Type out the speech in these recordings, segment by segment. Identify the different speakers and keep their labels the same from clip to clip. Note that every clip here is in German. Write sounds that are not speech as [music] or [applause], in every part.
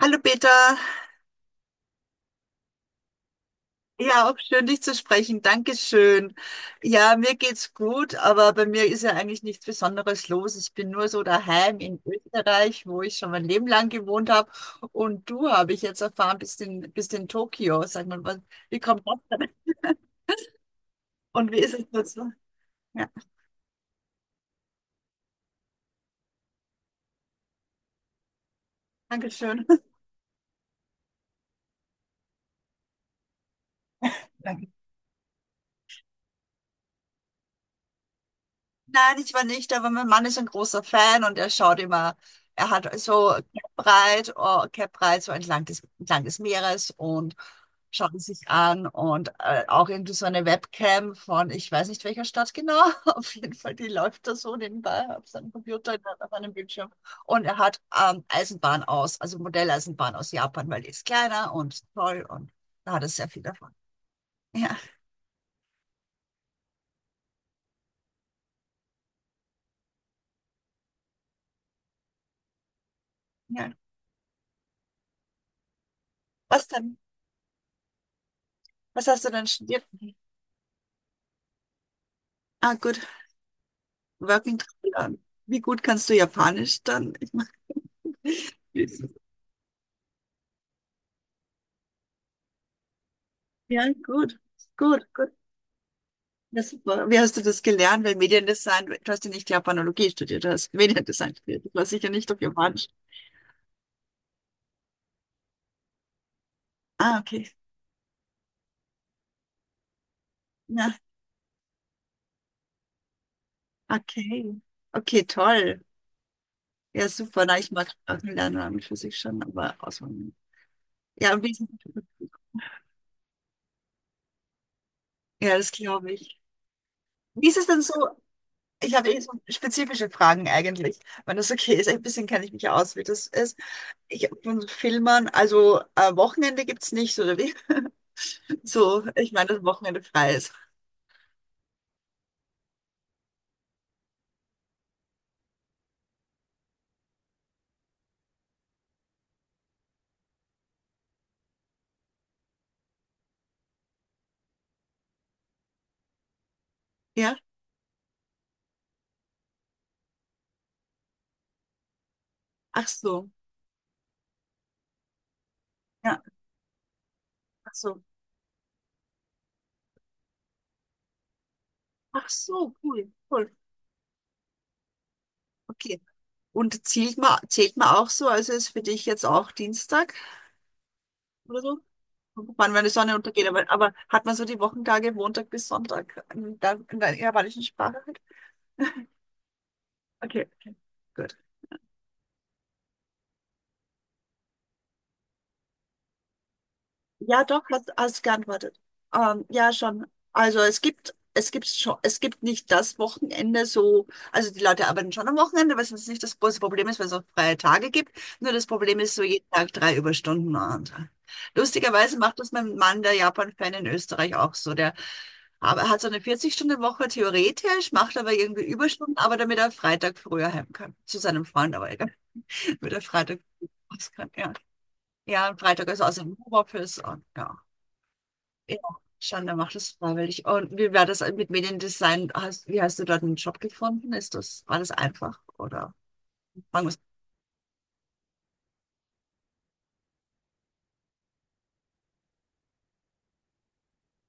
Speaker 1: Hallo Peter, ja, auch schön dich zu sprechen. Dankeschön. Ja, mir geht's gut, aber bei mir ist ja eigentlich nichts Besonderes los. Ich bin nur so daheim in Österreich, wo ich schon mein Leben lang gewohnt habe. Und du, habe ich jetzt erfahren, bist in Tokio. Sag mal, wie kommt das denn? Und wie ist es dazu? Ja, Dankeschön. Danke. Nein, ich war nicht, aber mein Mann ist ein großer Fan und er schaut immer, er hat so Cape Ride so entlang des Meeres und schauen sich an und auch irgendwie so eine Webcam von, ich weiß nicht welcher Stadt genau, [laughs] auf jeden Fall, die läuft da so nebenbei auf seinem Computer, auf einem Bildschirm. Und er hat also Modelleisenbahn aus Japan, weil die ist kleiner und toll und da hat er sehr viel davon. Ja, ja. Was denn? Was hast du denn studiert? Ah, gut, Working Travel. Wie gut kannst du Japanisch dann? Ich meine, [laughs] ja, gut, gut, gut. Ja, super. Wie hast du das gelernt? Weil Mediendesign, du hast ja nicht Japanologie studiert, du hast Mediendesign studiert. Das war sicher nicht auf Japanisch. Ah, okay. Ja, okay. Okay, toll. Ja, super. Na, ich mag Lernen an und für sich schon, aber auswandern. Ja, und wie ist es? Ja, das glaube ich. Wie ist es denn so? Ich habe eh so spezifische Fragen eigentlich, wenn das okay ist. Ein bisschen kenne ich mich ja aus, wie das ist. Ich von Filmern, also Wochenende gibt es nicht, oder wie? [laughs] So, ich meine, dass Wochenende frei ist. Ja? Ach so. Ja. Ach so. Ach so, cool, cool. Okay. Und zählt man auch so, also ist für dich jetzt auch Dienstag oder so? Wann, wenn die Sonne untergeht, aber hat man so die Wochentage Montag bis Sonntag in der japanischen Sprache halt? Okay, okay. Gut. Ja, doch, hast geantwortet. Ja, schon. Also es gibt nicht das Wochenende so, also die Leute arbeiten schon am Wochenende, was jetzt nicht das große Problem ist, weil es auch freie Tage gibt. Nur das Problem ist so jeden Tag drei Überstunden. Und lustigerweise macht das mein Mann, der Japan-Fan in Österreich, auch so. Der aber hat so eine 40-Stunden-Woche theoretisch, macht aber irgendwie Überstunden, aber damit er Freitag früher heim kann. Zu seinem Freund, aber egal. [laughs] Damit er Freitag früh raus kann, ja. Ja, und Freitag ist außerdem Homeoffice und ja. Ja, Schande macht es freiwillig. Und wie war das mit Mediendesign? Wie hast du dort einen Job gefunden? War das einfach? Oder fangen wir's-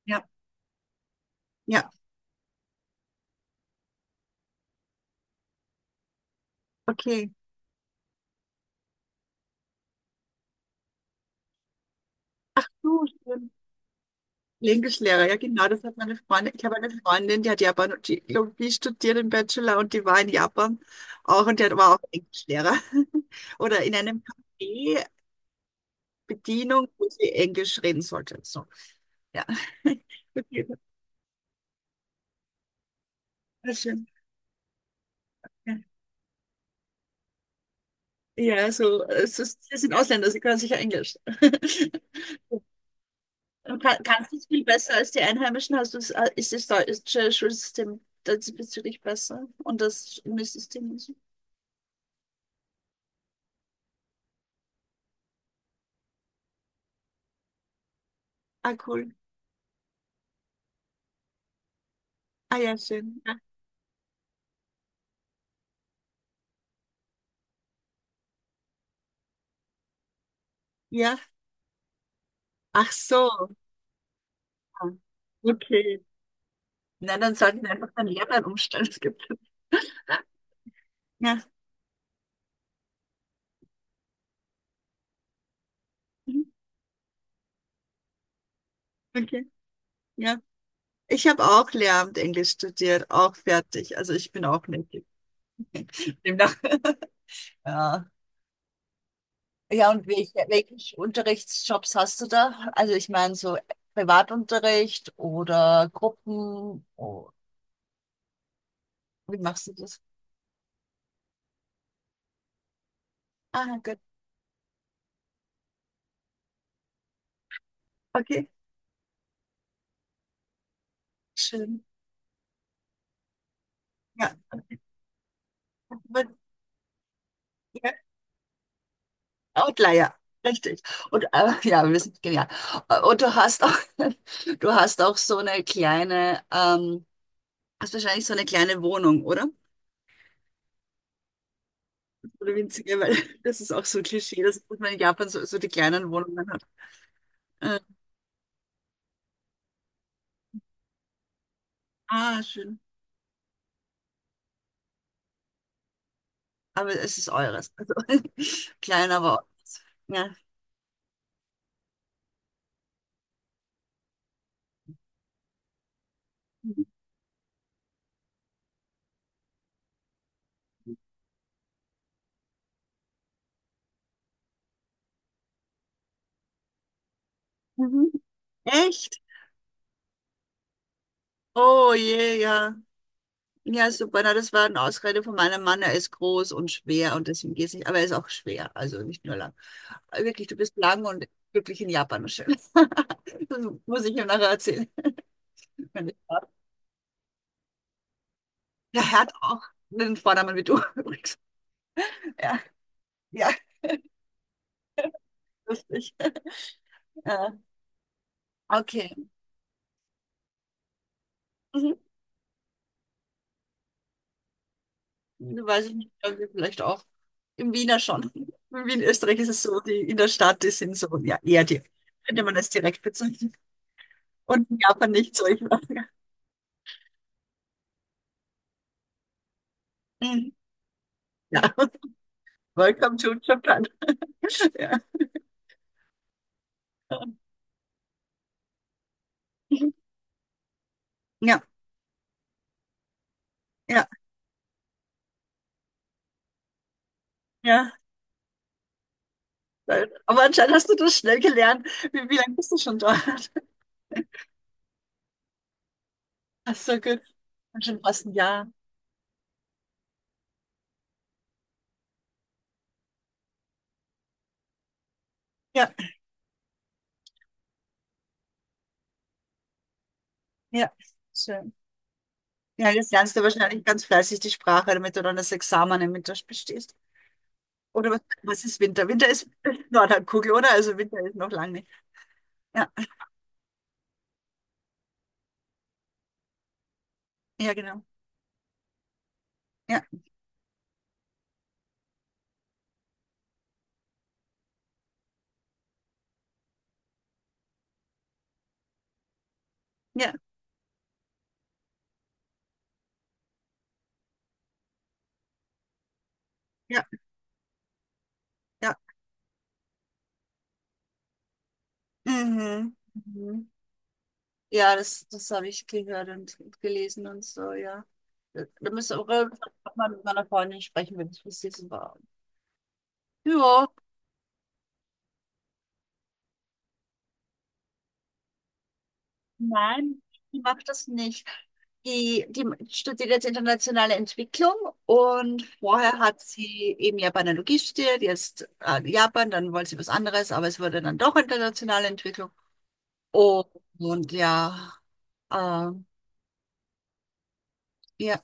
Speaker 1: Ja, ja, okay. So schön. Englischlehrer, ja genau, das hat meine Freundin. Ich habe eine Freundin, die hat Japanologie studiert im Bachelor und die war in Japan auch und war auch Englischlehrer. [laughs] Oder in einem Café Bedienung, wo sie Englisch reden sollte. So, ja. [laughs] Okay, sehr schön. Ja. Ja, so, sie sind Ausländer, sie können sicher Englisch. [laughs] Und kannst du es viel besser als die Einheimischen? Ist das deutsche Schulsystem diesbezüglich besser? Und das Schulsystem und so? Ah, cool. Ah, ja, schön. Ja. Ja. Ach so. Ah, okay. Nein, dann sollten wir einfach den Lehrplan umstellen. Es gibt. [laughs] Ja. Mhm. Okay. Ja. Ich habe auch Lehramt Englisch studiert, auch fertig. Also ich bin auch native. Demnach. Ja. Ja, und welche Unterrichtsjobs hast du da? Also ich meine so Privatunterricht oder Gruppen. Oh, wie machst du das? Ah, gut. Okay, schön. Ja, aber- ja. Outlier, richtig. Und ja, wir sind genial. Und du hast auch, [laughs] du hast auch so eine kleine, hast wahrscheinlich so eine kleine Wohnung, oder? Oder winzige, weil [laughs] das ist auch so ein Klischee, dass man in Japan so die kleinen Wohnungen hat. Äh, ah, schön. Aber es ist eures. Also, [laughs] klein, aber eures. Ja. [laughs] Mhm. Echt? Oh je, ja. Ja, super. Na, das war eine Ausrede von meinem Mann. Er ist groß und schwer und deswegen geht es nicht. Aber er ist auch schwer, also nicht nur lang. Wirklich, du bist lang und wirklich in Japan schön. [laughs] Das muss ich ihm nachher erzählen. [laughs] Wenn ich darf. Ja, er hat auch einen Vornamen wie du [laughs] übrigens. Ja, ja, lustig. [laughs] Ja, okay. Mhm. Hm. Weiß ich nicht, aber wir vielleicht auch. Im Wiener schon. In Wien, Österreich ist es so, die in der Stadt, die sind so, ja, eher die, könnte man das direkt bezeichnen. Und in Japan nicht so. Ich, [laughs] Mhm. Ja, welcome to Japan. [laughs] Ja, ja, ja, ja. Aber anscheinend hast du das schnell gelernt. Wie lange bist du schon dort? Ach so, gut. Schon fast ein Jahr. Ja, ja, schön. Ja, jetzt lernst du wahrscheinlich ganz fleißig die Sprache, damit du dann das Examen im mit bestehst. Oder was ist Winter? Winter ist [laughs] Nordhalbkugel, oder? Also Winter ist noch lange nicht. Ja, ja, genau. Ja, ja, ja, ja. Mhm. Mhm. Ja, das habe ich gehört und, gelesen und so, ja. Da müssen wir auch mal mit meiner Freundin sprechen, wenn ich was lesen war. Ja, Nein, die macht das nicht. Die studiert jetzt internationale Entwicklung und vorher hat sie eben Japanologie studiert, jetzt Japan, dann wollte sie was anderes, aber es wurde dann doch internationale Entwicklung. Und, und ja, äh, ja,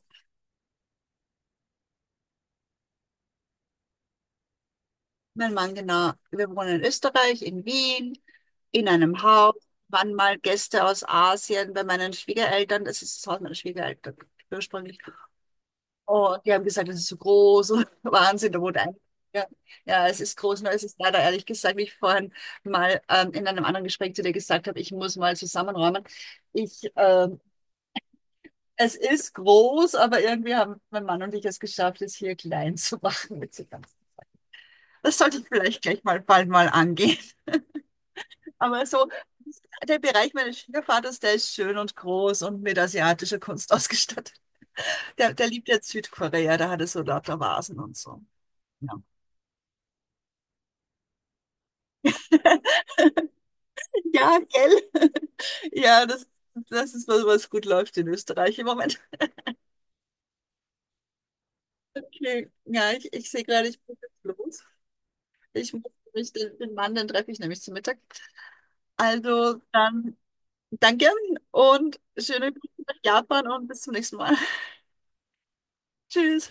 Speaker 1: mein Mann, genau. Wir wohnen in Österreich, in Wien, in einem Haus. Waren mal Gäste aus Asien bei meinen Schwiegereltern. Das ist das Haus meiner Schwiegereltern ursprünglich. Und die haben gesagt, das ist so groß und [laughs] Wahnsinn, da wurde ein. Ja, ja, es ist groß, nur es ist leider ehrlich gesagt, wie ich vorhin mal in einem anderen Gespräch zu dir gesagt habe, ich muss mal zusammenräumen. Ich, ähm, es ist groß, aber irgendwie haben mein Mann und ich es geschafft, es hier klein zu machen mit so ganz. Das sollte ich vielleicht gleich mal bald mal angehen. [laughs] Aber so, der Bereich meines Schwiegervaters, der ist schön und groß und mit asiatischer Kunst [laughs] ausgestattet. Der liebt jetzt Südkorea, da hat er so lauter Vasen und so. Ja. Ja, gell? [laughs] Ja, das ist was, was gut läuft in Österreich im Moment. Okay. Ja, ich sehe gerade, ich muss jetzt los. Ich muss mich den Mann, den treffe ich nämlich zum Mittag. Also dann danke und schöne Grüße nach Japan und bis zum nächsten Mal. [laughs] Tschüss.